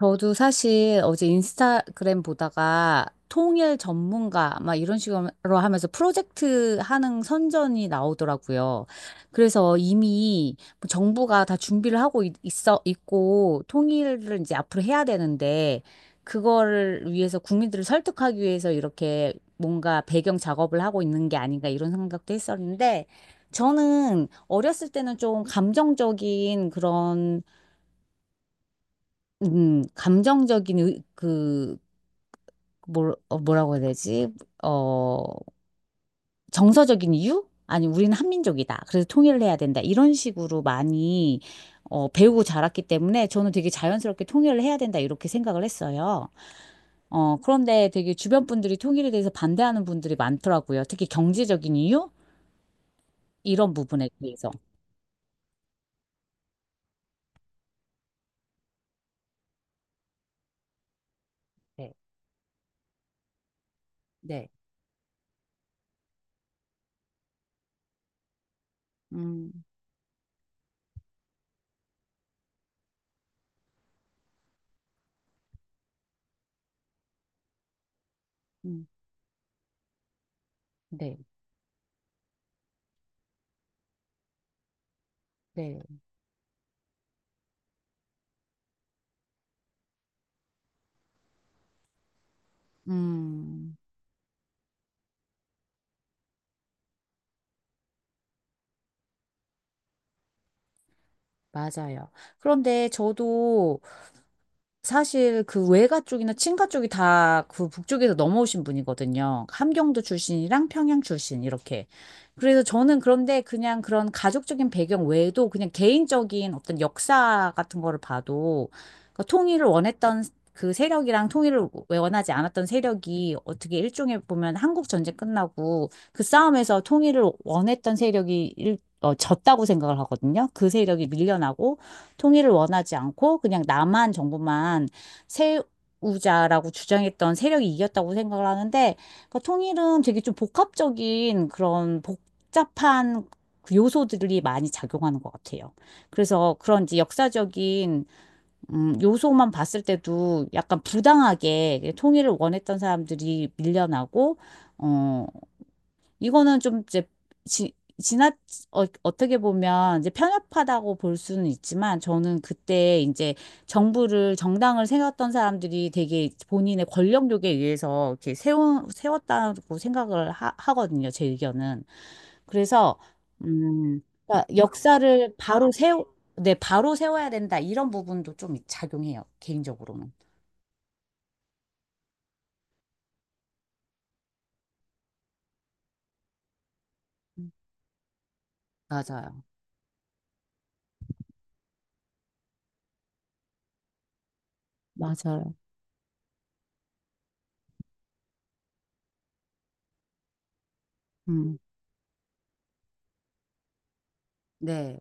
저도 사실 어제 인스타그램 보다가 통일 전문가 막 이런 식으로 하면서 프로젝트 하는 선전이 나오더라고요. 그래서 이미 뭐 정부가 다 준비를 하고 있- 있어 있고 통일을 이제 앞으로 해야 되는데 그거를 위해서 국민들을 설득하기 위해서 이렇게 뭔가 배경 작업을 하고 있는 게 아닌가 이런 생각도 했었는데 저는 어렸을 때는 좀 감정적인 그런 감정적인 의- 그 뭐 어, 뭐라고 해야 되지? 어, 정서적인 이유? 아니, 우리는 한민족이다. 그래서 통일을 해야 된다. 이런 식으로 많이 배우고 자랐기 때문에 저는 되게 자연스럽게 통일을 해야 된다. 이렇게 생각을 했어요. 그런데 되게 주변 분들이 통일에 대해서 반대하는 분들이 많더라고요. 특히 경제적인 이유? 이런 부분에 대해서. 네, 네. 음, 음. 네, 네. 음, 맞아요. 그런데 저도 사실 그 외가 쪽이나 친가 쪽이 다 그 북쪽에서 넘어오신 분이거든요. 함경도 출신이랑 평양 출신 이렇게. 그래서 저는 그런데 그냥 그런 가족적인 배경 외에도 그냥 개인적인 어떤 역사 같은 거를 봐도 그 통일을 원했던 그 세력이랑 통일을 원하지 않았던 세력이 어떻게 일종의 보면 한국 전쟁 끝나고 그 싸움에서 통일을 원했던 세력이 졌다고 생각을 하거든요. 그 세력이 밀려나고 통일을 원하지 않고 그냥 남한 정부만 세우자라고 주장했던 세력이 이겼다고 생각을 하는데 그 통일은 되게 좀 복합적인 그런 복잡한 그 요소들이 많이 작용하는 것 같아요. 그래서 그런 지 역사적인 요소만 봤을 때도 약간 부당하게 통일을 원했던 사람들이 밀려나고 어, 이거는 좀 이제 지, 지나 어떻게 보면 이제 편협하다고 볼 수는 있지만 저는 그때 이제 정부를 정당을 세웠던 사람들이 되게 본인의 권력욕에 의해서 이렇게 세운 세웠다고 생각을 하거든요. 제 의견은. 그래서 음, 그러니까 역사를 바로 세워 네, 바로 세워야 된다. 이런 부분도 좀 작용해요. 개인적으로는. 맞아요. 맞아요. 음. 네.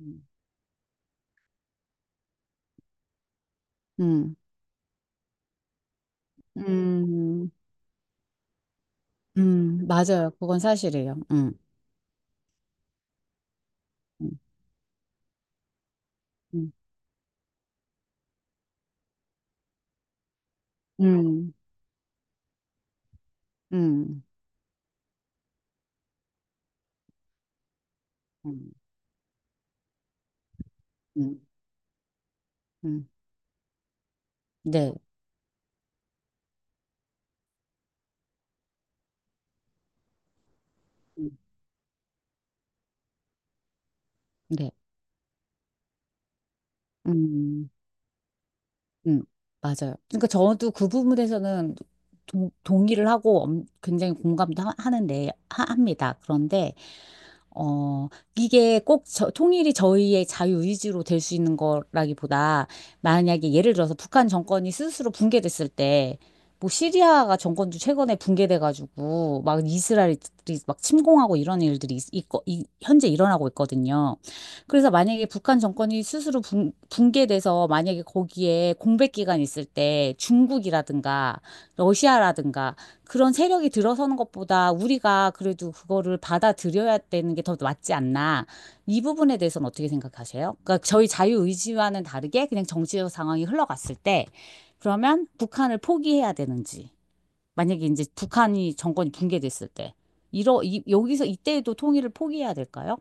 음. 음. 음. 맞아요. 그건 사실이에요. 음, 음, 음, 음, 음, 음, 음. 네, 음, 네, 음. 음, 맞아요. 그러니까 저도 그 부분에서는 동의를 하고 굉장히 공감도 하는데, 합니다. 그런데, 어, 이게 꼭 저, 통일이 저희의 자유의지로 될 수 있는 거라기보다, 만약에 예를 들어서 북한 정권이 스스로 붕괴됐을 때, 뭐 시리아가 정권도 최근에 붕괴돼가지고, 막 이스라엘이 막 침공하고 이런 일들이 현재 일어나고 있거든요. 그래서 만약에 북한 정권이 스스로 붕괴돼서 만약에 거기에 공백 기간이 있을 때 중국이라든가 러시아라든가 그런 세력이 들어서는 것보다 우리가 그래도 그거를 받아들여야 되는 게 더 맞지 않나. 이 부분에 대해서는 어떻게 생각하세요? 그러니까 저희 자유의지와는 다르게 그냥 정치적 상황이 흘러갔을 때 그러면 북한을 포기해야 되는지 만약에 이제 북한이 정권이 붕괴됐을 때 여기서 이때에도 통일을 포기해야 될까요?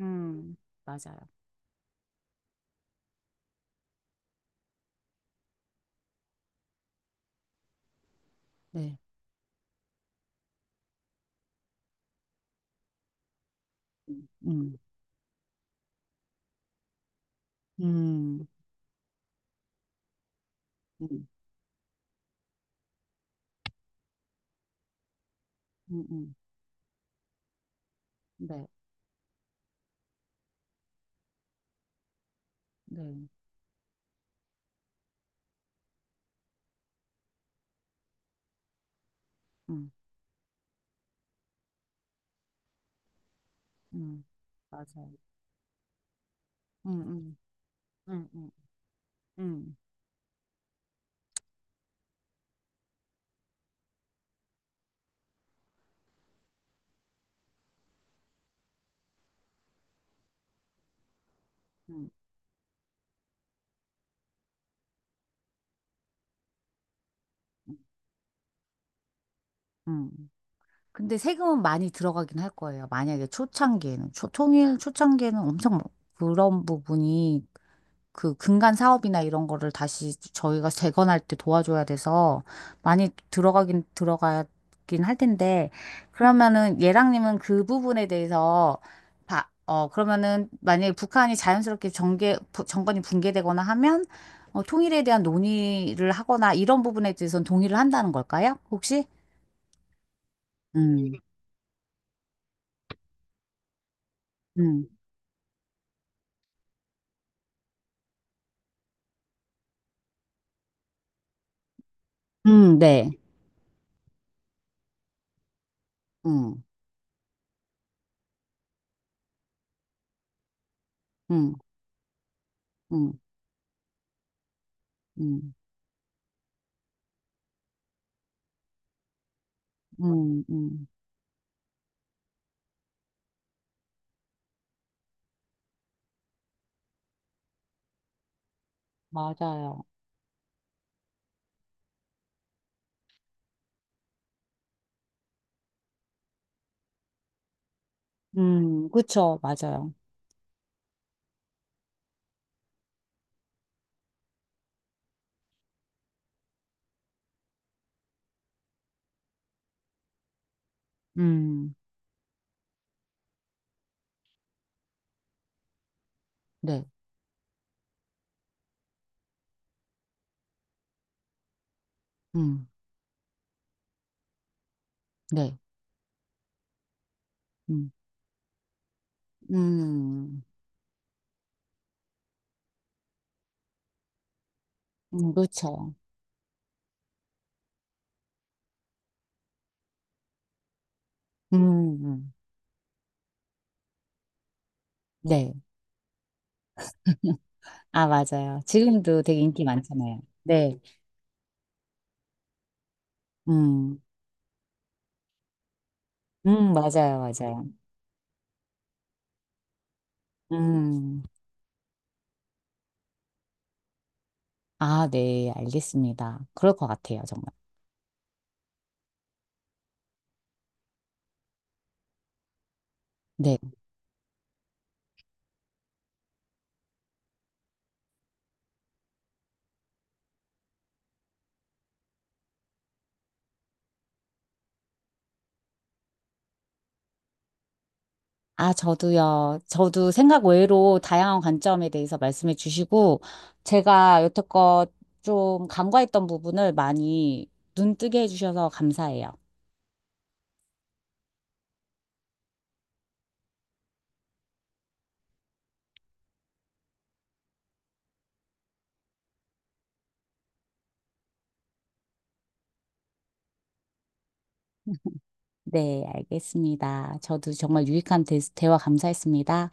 음, 맞아요. 네. 음, 음, 음, 음. 음, 음. 네, 네. 음, 음, 맞아요. 음, 음, 음, 음, 음, 음. 음. 근데 세금은 많이 들어가긴 할 거예요. 만약에 초창기에는, 초, 통일 초창기에는 엄청 뭐 그런 부분이 그 근간 사업이나 이런 거를 다시 저희가 재건할 때 도와줘야 돼서 많이 들어가긴 할 텐데 그러면은 예랑님은 그 부분에 대해서 봐, 어 그러면은 만약에 북한이 자연스럽게 정권이 붕괴되거나 하면 통일에 대한 논의를 하거나 이런 부분에 대해서는 동의를 한다는 걸까요? 혹시? 음, 음, 네, 음, 음, 음, 음, 음, 음, 맞아요. 그쵸, 맞아요. 음, 네, 음, 네, 음, 음, 그렇죠. 음, 음, 네. 아, 맞아요. 지금도 되게 인기 많잖아요. 네, 음, 맞아요, 맞아요. 음, 아, 네, 알겠습니다. 그럴 것 같아요, 정말. 네. 아, 저도요. 저도 생각 외로 다양한 관점에 대해서 말씀해 주시고, 제가 여태껏 좀 간과했던 부분을 많이 눈뜨게 해주셔서 감사해요. 네, 알겠습니다. 저도 정말 유익한 대화 감사했습니다.